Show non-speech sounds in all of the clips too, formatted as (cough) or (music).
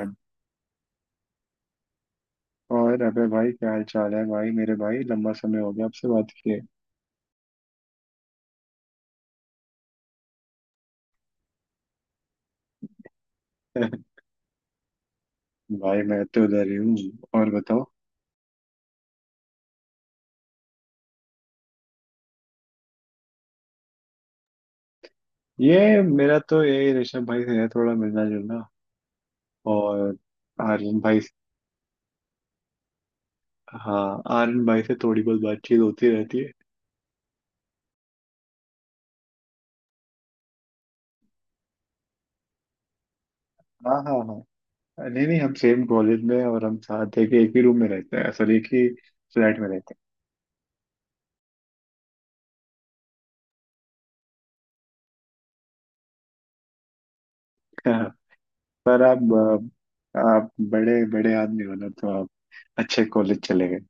है। और अबे भाई, क्या हाल चाल है भाई? मेरे भाई लंबा समय हो गया आपसे बात किए। (laughs) भाई मैं तो उधर ही हूँ। और बताओ। ये मेरा तो, ये ऋषभ भाई से है थोड़ा मिलना जुलना। और आर्यन भाई से- हाँ, आर्यन भाई से थोड़ी बहुत बातचीत होती रहती है। हाँ, हाँ, हाँ। नहीं, नहीं, हम सेम कॉलेज में हैं और हम साथ है कि एक ही रूम में रहते हैं, सॉरी, एक ही फ्लैट में रहते हैं। (laughs) पर आप बड़े बड़े आदमी हो ना, तो आप अच्छे कॉलेज चले गए।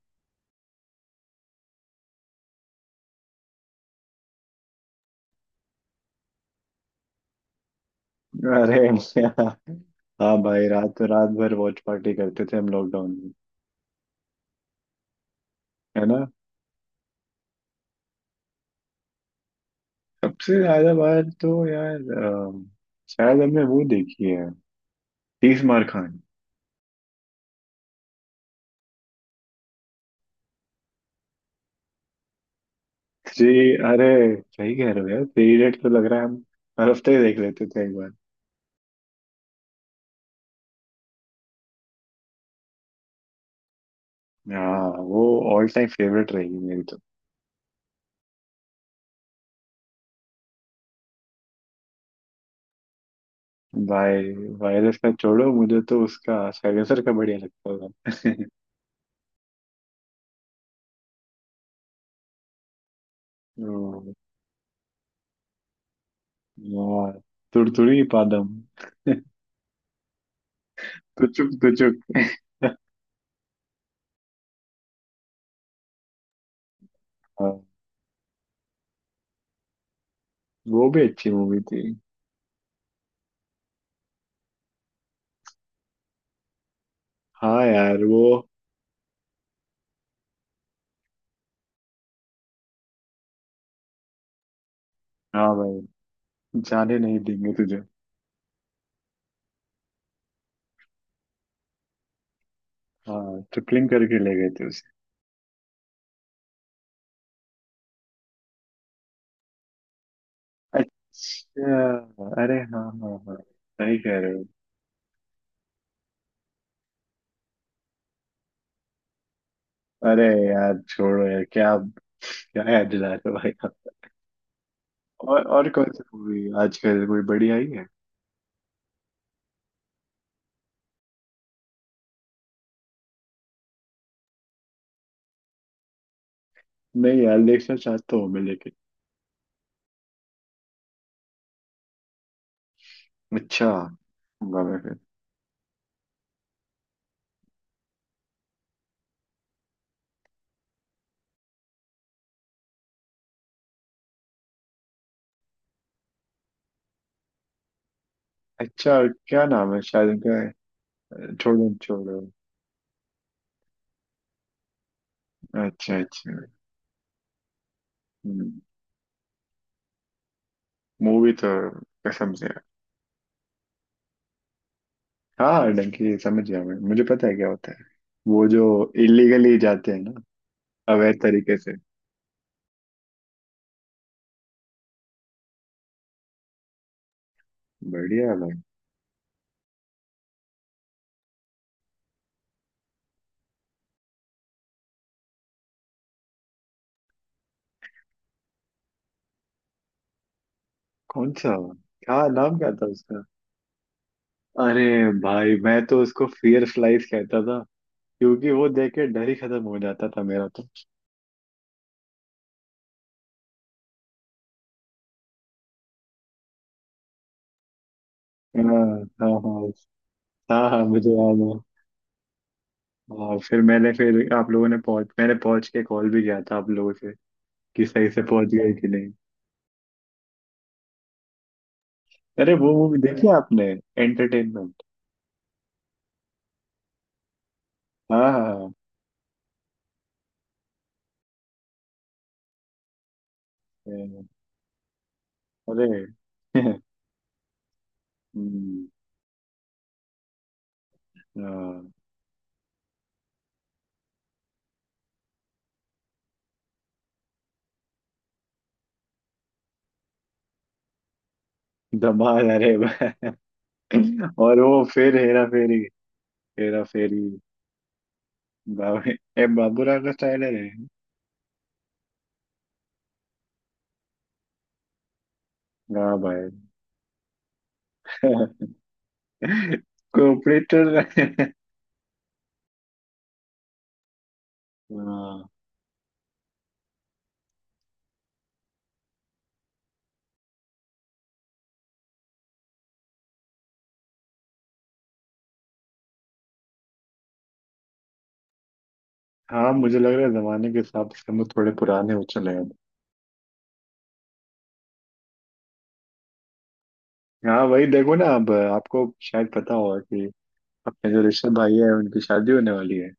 अरे। (laughs) हाँ भाई, रात रात भर वॉच पार्टी करते थे हम लॉकडाउन में। है ना। सबसे ज्यादा बार तो यार, अम, शायद हमने वो देखी है, तीस मार खान। जी। अरे सही कह रहे हो यार, थ्री इडियट तो लग रहा है हम हर हफ्ते ही देख लेते थे एक बार। हाँ वो ऑल टाइम फेवरेट रहेगी मेरी तो। भाई वायरस का छोड़ो, मुझे तो उसका साइलेंसर का बढ़िया लगता था। (laughs) ओ। यार तुड़तुड़ी पादम, तुचुक तुचुक। (laughs) वो भी अच्छी मूवी थी। हाँ यार, वो। हाँ भाई, जाने नहीं देंगे तुझे। हाँ, ट्रिपलिंग करके ले गए थे उसे। अच्छा। अरे हाँ, हाँ, हाँ, सही कह रहे हो। अरे यार छोड़ो यार, क्या क्या याद दिला रहे हो भाई आप। और कौन सी मूवी आजकल कोई बड़ी आई है? नहीं यार, देखना चाहता हूँ मैं, लेकिन। अच्छा। होगा मैं फिर। अच्छा, क्या नाम है शायद उनका? छोड़ो छोड़ो। अच्छा अच्छा। मूवी तो कसम से। हाँ, डंकी समझ गया मैं, मुझे पता है क्या होता है। वो जो इलीगली जाते हैं ना, अवैध तरीके से। बढ़िया भाई। कौन सा? क्या नाम क्या था उसका? अरे भाई मैं तो उसको फियर स्लाइस कहता था, क्योंकि वो देख के डर ही खत्म हो जाता था मेरा तो। हाँ, हाँ, हाँ, हाँ, हाँ, मुझे याद है। हाँ, फिर मैंने फिर आप लोगों ने पहुंच मैंने पहुंच के कॉल भी किया था आप लोगों से, कि सही से पहुंच गए कि नहीं। अरे वो मूवी देखी आपने, एंटरटेनमेंट। हाँ, हाँ, हाँ। अरे। (laughs) हम्म। हाँ। धमाल, अरे वाह। और वो फिर हेरा फेरी, हेरा फेरी। बाबू ए बाबूराव का स्टाइल है रे। वाह भाई। (laughs) कोऑपरेटर। हाँ हाँ। मुझे लग रहा है जमाने के हिसाब से हम लोग थोड़े पुराने हो चले हैं अब। हाँ, वही देखो ना, अब आपको शायद पता होगा कि अपने जो ऋषभ भाई है उनकी शादी होने वाली है।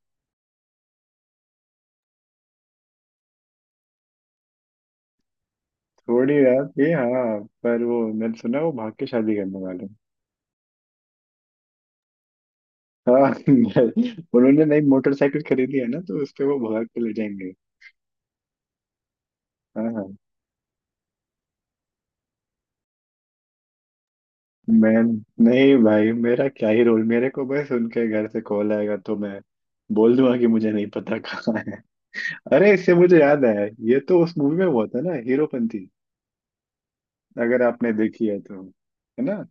थोड़ी रात भी, हाँ, पर वो मैंने सुना वो भाग के शादी करने वाले हैं। हाँ। (laughs) उन्होंने नई मोटरसाइकिल खरीदी है ना, तो उस पे वो भाग के ले जाएंगे। हाँ, हाँ। मैं। नहीं भाई, मेरा क्या ही रोल, मेरे को बस उनके घर से कॉल आएगा तो मैं बोल दूंगा कि मुझे नहीं पता (laughs) कहाँ है। अरे इससे मुझे याद आया, ये तो उस मूवी में हुआ था ना, हीरोपंती, अगर आपने देखी है तो। है ना।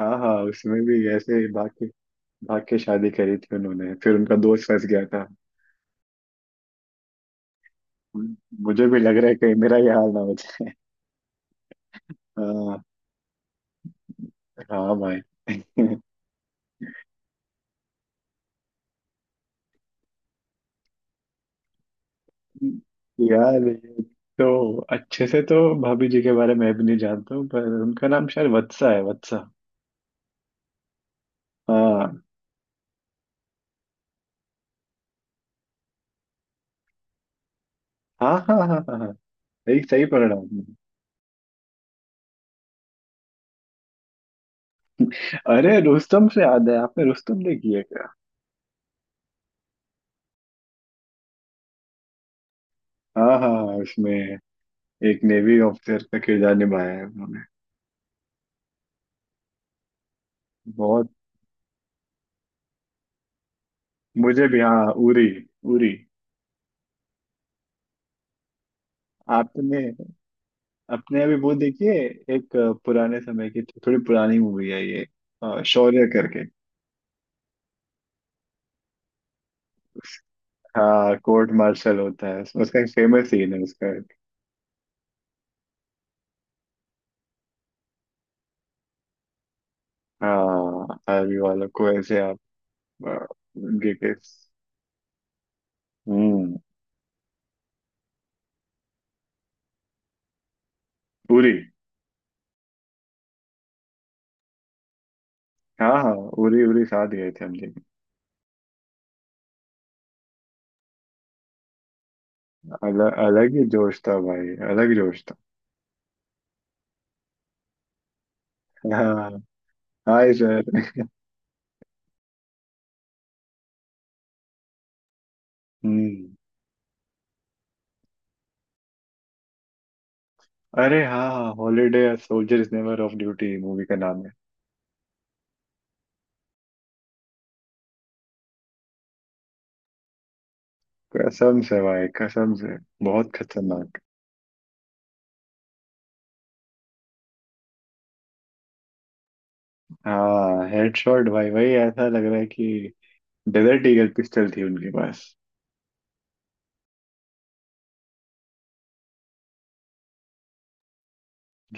हाँ, हाँ, उसमें भी ऐसे ही भाग के, भाग के शादी करी थी उन्होंने, फिर उनका दोस्त फंस गया था। मुझे भी लग रहा है कहीं मेरा ये हाल ना हो जाए। हाँ, हाँ भाई। (laughs) यार ये तो अच्छे से तो भाभी जी के बारे में भी नहीं जानता हूँ, पर उनका नाम शायद वत्सा है, वत्सा। हाँ, हाँ, हाँ, हाँ, हाँ, हाँ, सही सही पकड़ा आपने। अरे रुस्तम से याद है, आपने रुस्तम देखी है क्या? हाँ, हाँ, हाँ, उसमें एक नेवी ऑफिसर का किरदार निभाया है उन्होंने। बहुत। मुझे भी, हाँ, उरी। उरी। आपने, अपने अभी वो देखिए, एक पुराने समय की, थोड़ी पुरानी मूवी है ये, शौर्य करके। हाँ, कोर्ट मार्शल होता है उसमें, उसका एक फेमस सीन है, उसका एक। हाँ, आर्मी वालों को ऐसे आप के। हम्म। उरी। हाँ, हाँ, उरी उरी साथ गए थे हम लेकिन। अलग अलग ही जोश था भाई, अलग जोश था। हाँ। Hi sir. हम्म। अरे हाँ, Holiday, soldier is never off duty movie का नाम है। कसम से भाई, कसम से। बहुत खतरनाक। हाँ, हेडशॉट भाई, वही, ऐसा लग रहा है कि डेजर्ट ईगल पिस्टल थी उनके पास।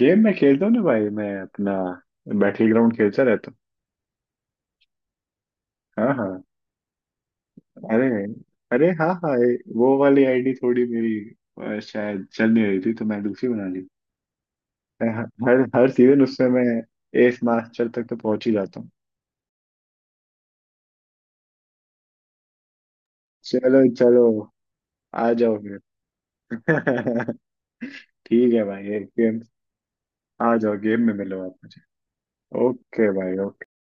गेम में खेलता हूँ ना भाई मैं, अपना बैटल ग्राउंड खेलता रहता हूँ। हाँ, हाँ। अरे। अरे हाँ, हाँ, वो वाली आईडी थोड़ी मेरी, शायद चल नहीं रही थी तो मैं दूसरी बना ली। मैं हर हर सीजन उसमें मैं एस मास्टर तक तो पहुंच ही जाता हूँ। चलो चलो। आ जाओ फिर। (laughs) ठीक है भाई, एक गेम। आ जाओ गेम में मिलो आप मुझे। ओके भाई, ओके।